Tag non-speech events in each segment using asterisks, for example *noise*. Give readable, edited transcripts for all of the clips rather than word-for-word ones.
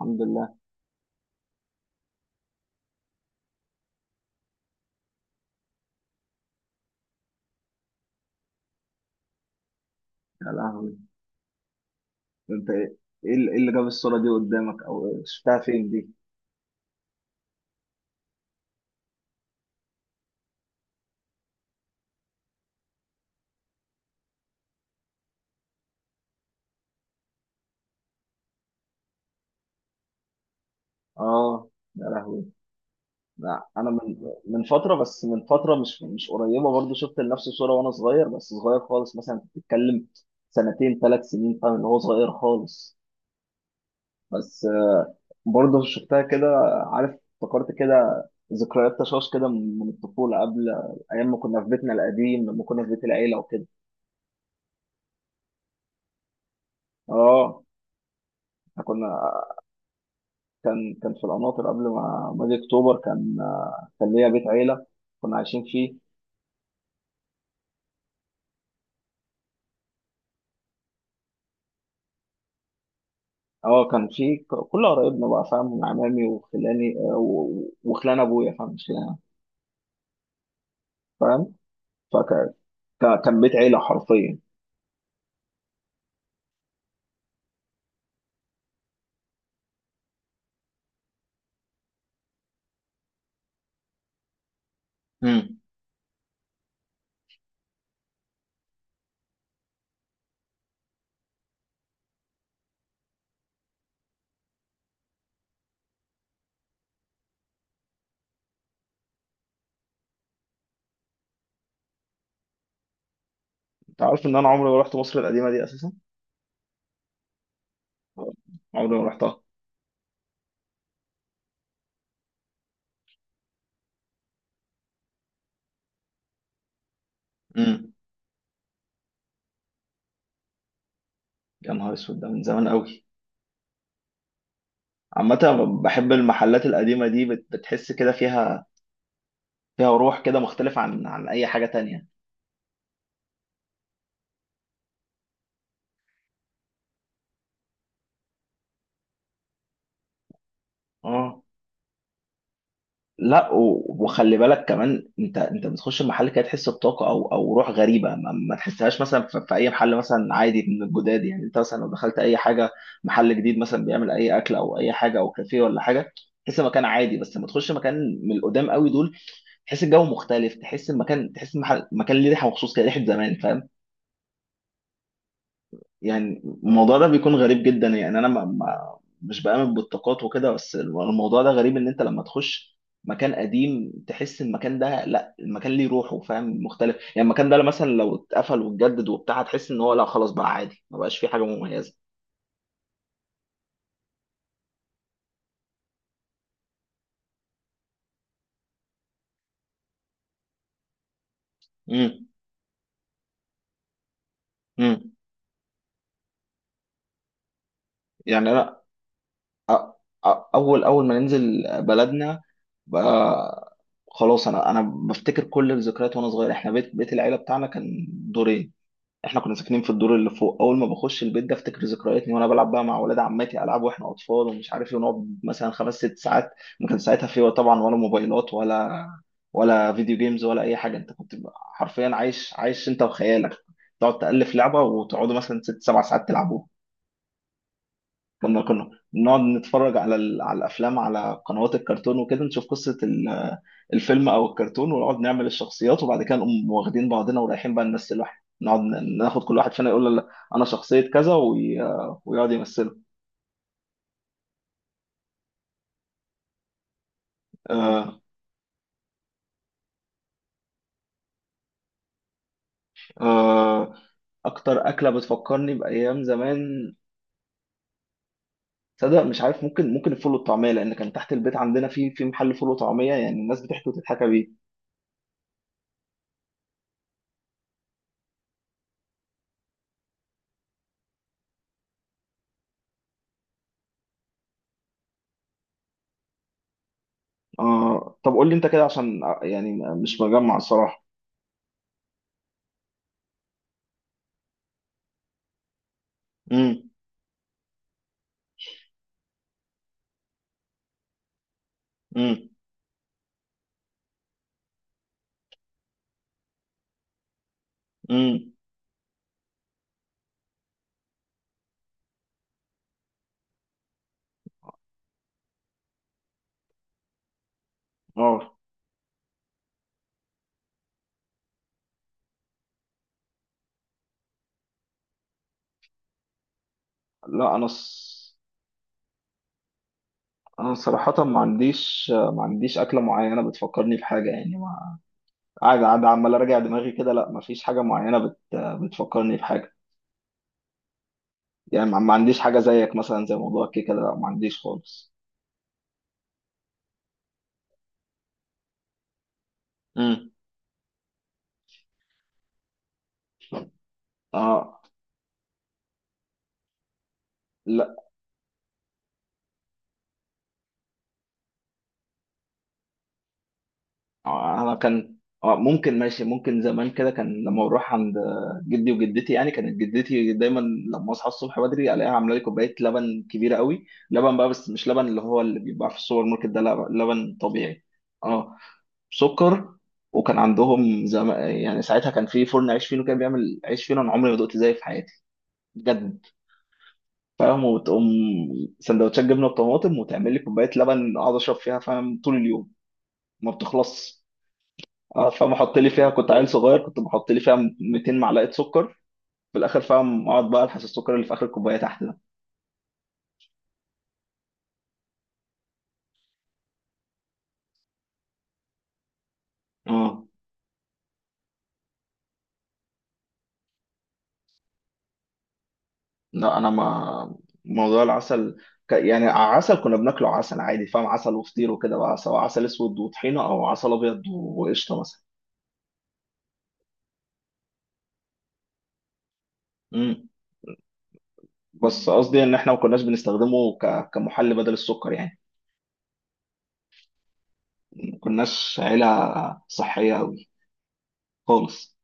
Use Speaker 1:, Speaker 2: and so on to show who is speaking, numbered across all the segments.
Speaker 1: الحمد لله. يا لهوي. انت ايه. ايه اللي إيه اللي جاب الصورة دي قدامك او إيه؟ شفتها فين دي. اه. يا لهوي. لا انا من فترة، بس من فترة مش قريبة، برضو شفت لنفس الصورة وانا صغير، بس صغير خالص، مثلا انت بتتكلم سنتين ثلاث سنين، فاهم اللي هو صغير خالص. بس برضو شفتها كده، عارف افتكرت كده، ذكريات تشاش كده من الطفولة، قبل ايام ما كنا في بيتنا القديم، لما كنا في بيت العيلة وكده. اه احنا كنا. كان في القناطر قبل ما اجي اكتوبر، كان كان ليا بيت عيله كنا عايشين فيه. اه كان فيه كل قرايبنا بقى، فاهم، عمامي وخلاني وخلان ابويا، فاهم، مش خلاني أنا، فاهم، فكان بيت عيله حرفيا. امم. انت عارف ان انا عمري ما رحت مصر القديمه دي اساسا، عمري ما رحتها. امم. يا نهار اسود، ده من زمان قوي. عامة أنا بحب المحلات القديمة دي، بتحس كده فيها، فيها روح كده مختلف عن أي حاجة تانية. اه. لا وخلي بالك كمان، انت بتخش المحل كده تحس بطاقه او او روح غريبه ما تحسهاش مثلا في اي محل مثلا عادي من الجداد، يعني انت مثلا لو دخلت اي حاجه، محل جديد مثلا بيعمل اي اكل او اي حاجه او كافيه ولا حاجه، تحس المكان عادي. بس لما تخش مكان من القدام قوي دول، تحس الجو مختلف، تحس المكان، تحس المحل، المكان ليه ريحه مخصوص كده، ريحه زمان، فاهم. يعني الموضوع ده بيكون غريب جدا، يعني انا ما ما مش بآمن بالطاقات وكده، بس الموضوع ده غريب ان انت لما تخش مكان قديم تحس المكان ده، لا المكان ليه روحه، فاهم، مختلف. يعني المكان ده مثلا لو اتقفل واتجدد وبتاع، هتحس ان هو لا خلاص بقى عادي، ما بقاش فيه حاجة مميزة. امم. امم. يعني انا أ- أ- اول ما ننزل بلدنا بقى، خلاص انا بفتكر كل الذكريات وانا صغير. احنا بيت العيلة بتاعنا كان دورين، احنا كنا ساكنين في الدور اللي فوق. اول ما بخش البيت ده افتكر ذكرياتي وانا بلعب بقى مع ولاد عماتي العاب واحنا اطفال ومش عارف ايه، ونقعد مثلا 5 6 ساعات. ما كان ساعتها في طبعا ولا موبايلات ولا ولا فيديو جيمز ولا اي حاجه. انت كنت بقى حرفيا عايش، عايش انت وخيالك. تقعد تالف لعبه وتقعدوا مثلا 6 7 ساعات تلعبوها. كنا نقعد نتفرج على على الافلام، على قنوات الكرتون وكده، نشوف قصه الفيلم او الكرتون، ونقعد نعمل الشخصيات، وبعد كده نقوم واخدين بعضنا ورايحين بقى نمثل. واحد نقعد ناخد كل واحد فينا يقول له لا انا شخصيه كذا ويقعد يمثله. آه... آه... اكتر اكله بتفكرني بايام زمان، تصدق مش عارف. ممكن الفول والطعميه، لان كان تحت البيت عندنا في محل فول وطعميه، يعني الناس بتحكي وتضحك بيه. طب قول لي انت كده، عشان يعني مش مجمع الصراحه. امم. امم اه لا انا ص... انا صراحة ما عنديش ما عنديش أكلة معينة بتفكرني بحاجة يعني ما قاعد قاعد عمال أراجع دماغي كده لا ما فيش حاجة معينة بت... بتفكرني بحاجة يعني ما ما عنديش حاجة زيك مثلا زي موضوع الكيكة ده لا ما عنديش خالص امم. اه لا انا كان ممكن ماشي، ممكن زمان كده، كان لما بروح عند جدي وجدتي، يعني كانت جدتي دايما لما اصحى الصبح بدري الاقيها عامله لي كوبايه لبن كبيره قوي، لبن بقى، بس مش لبن اللي هو اللي بيبقى في السوبر ماركت ده، لا لبن طبيعي. اه. سكر. وكان عندهم يعني ساعتها كان في فرن عيش فينو كان بيعمل عيش فينو، انا عمري ما دقت زيه في حياتي بجد، فاهم، وتقوم سندوتشات جبنه بطماطم وتعمل لي كوبايه لبن اقعد اشرب فيها، فاهم، طول اليوم ما بتخلصش. اه. فمحط لي فيها، كنت عيل صغير كنت بحط لي فيها 200 معلقه سكر في الاخر، فاهم، اقعد بقى الحس السكر اللي في اخر الكوبايه تحت ده. اه لا انا ما موضوع العسل، يعني عسل كنا بناكله عسل عادي، فاهم، عسل وفطير وكده بقى، سواء عسل اسود وطحينه او عسل ابيض وقشطه مثلا. امم. بس قصدي ان احنا ما كناش بنستخدمه كمحل بدل السكر يعني، ما كناش عيله صحيه قوي خالص.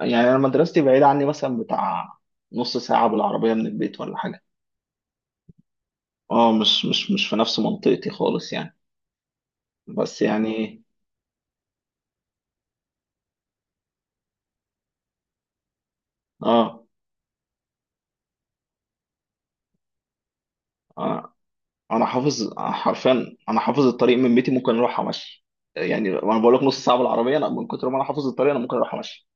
Speaker 1: يعني انا مدرستي بعيده عني مثلا بتاع نص ساعة بالعربيه من البيت ولا حاجه. اه مش مش في نفس منطقتي خالص يعني، بس يعني. اه انا حافظ حرفيا، انا حافظ الطريق من بيتي، ممكن اروح امشي. يعني انا بقول لك نص ساعه بالعربيه، انا من كتر ما انا حافظ الطريق انا ممكن اروح امشي.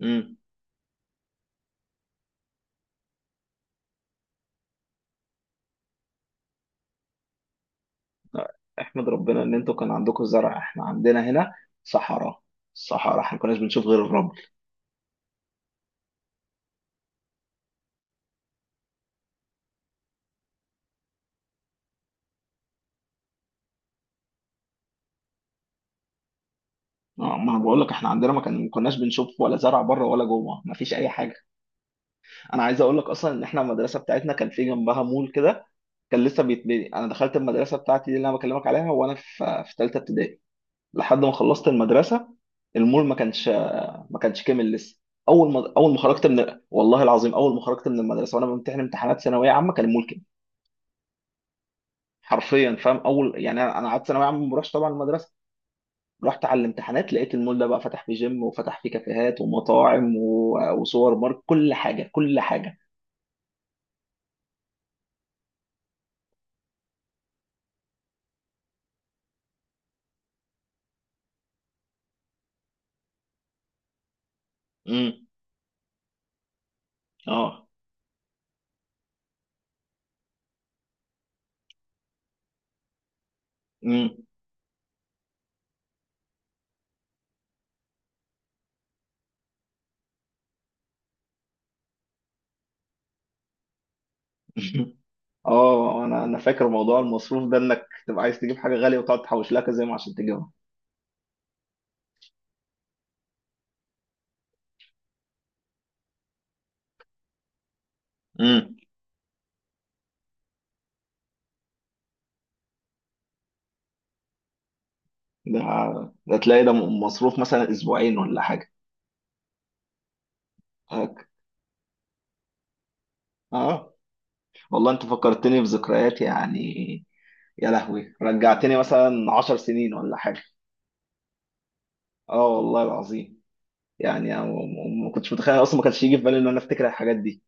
Speaker 1: امم. احمد ربنا ان انتوا كان عندكم زرع، احنا عندنا هنا صحراء، صحراء، احنا ما كناش بنشوف غير الرمل. ما انا بقول لك احنا عندنا ما كناش بنشوف ولا زرع بره ولا جوه، ما فيش اي حاجه. انا عايز اقول لك اصلا ان احنا المدرسه بتاعتنا كان في جنبها مول كده، كان لسه بيتبني. انا دخلت المدرسه بتاعتي دي اللي انا بكلمك عليها وانا في ثالثه ابتدائي لحد ما خلصت المدرسه، المول ما كانش، ما كانش كامل لسه. اول ما خرجت، من والله العظيم اول ما خرجت من المدرسه وانا بمتحن امتحانات ثانويه عامه كان المول كامل. حرفيا، فاهم، اول يعني انا قعدت ثانويه عامه ما بروحش طبعا المدرسه، رحت على الامتحانات لقيت المول ده بقى فتح فيه جيم وفتح فيه كافيهات ومطاعم وسوبر ماركت، كل حاجه، كل حاجه. امم. اه. امم. *laughs* اه انا فاكر موضوع المصروف ده، انك تبقى عايز تجيب حاجه غاليه وتقعد تحوش لها كذا يوم عشان تجيبها. امم. ده ده تلاقي ده مصروف مثلا اسبوعين ولا حاجه. هك- اه والله انت فكرتني بذكريات يعني، يا لهوي رجعتني مثلا 10 سنين ولا حاجه. اه والله العظيم. يعني أنا ما كنتش متخيل اصلا، ما كانش يجي في بالي ان انا افتكر الحاجات دي.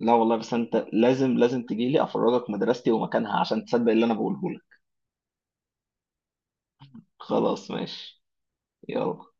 Speaker 1: لا والله. بس انت لازم تجي لي افرجك مدرستي ومكانها عشان تصدق اللي انا بقوله لك. خلاص ماشي. يلا.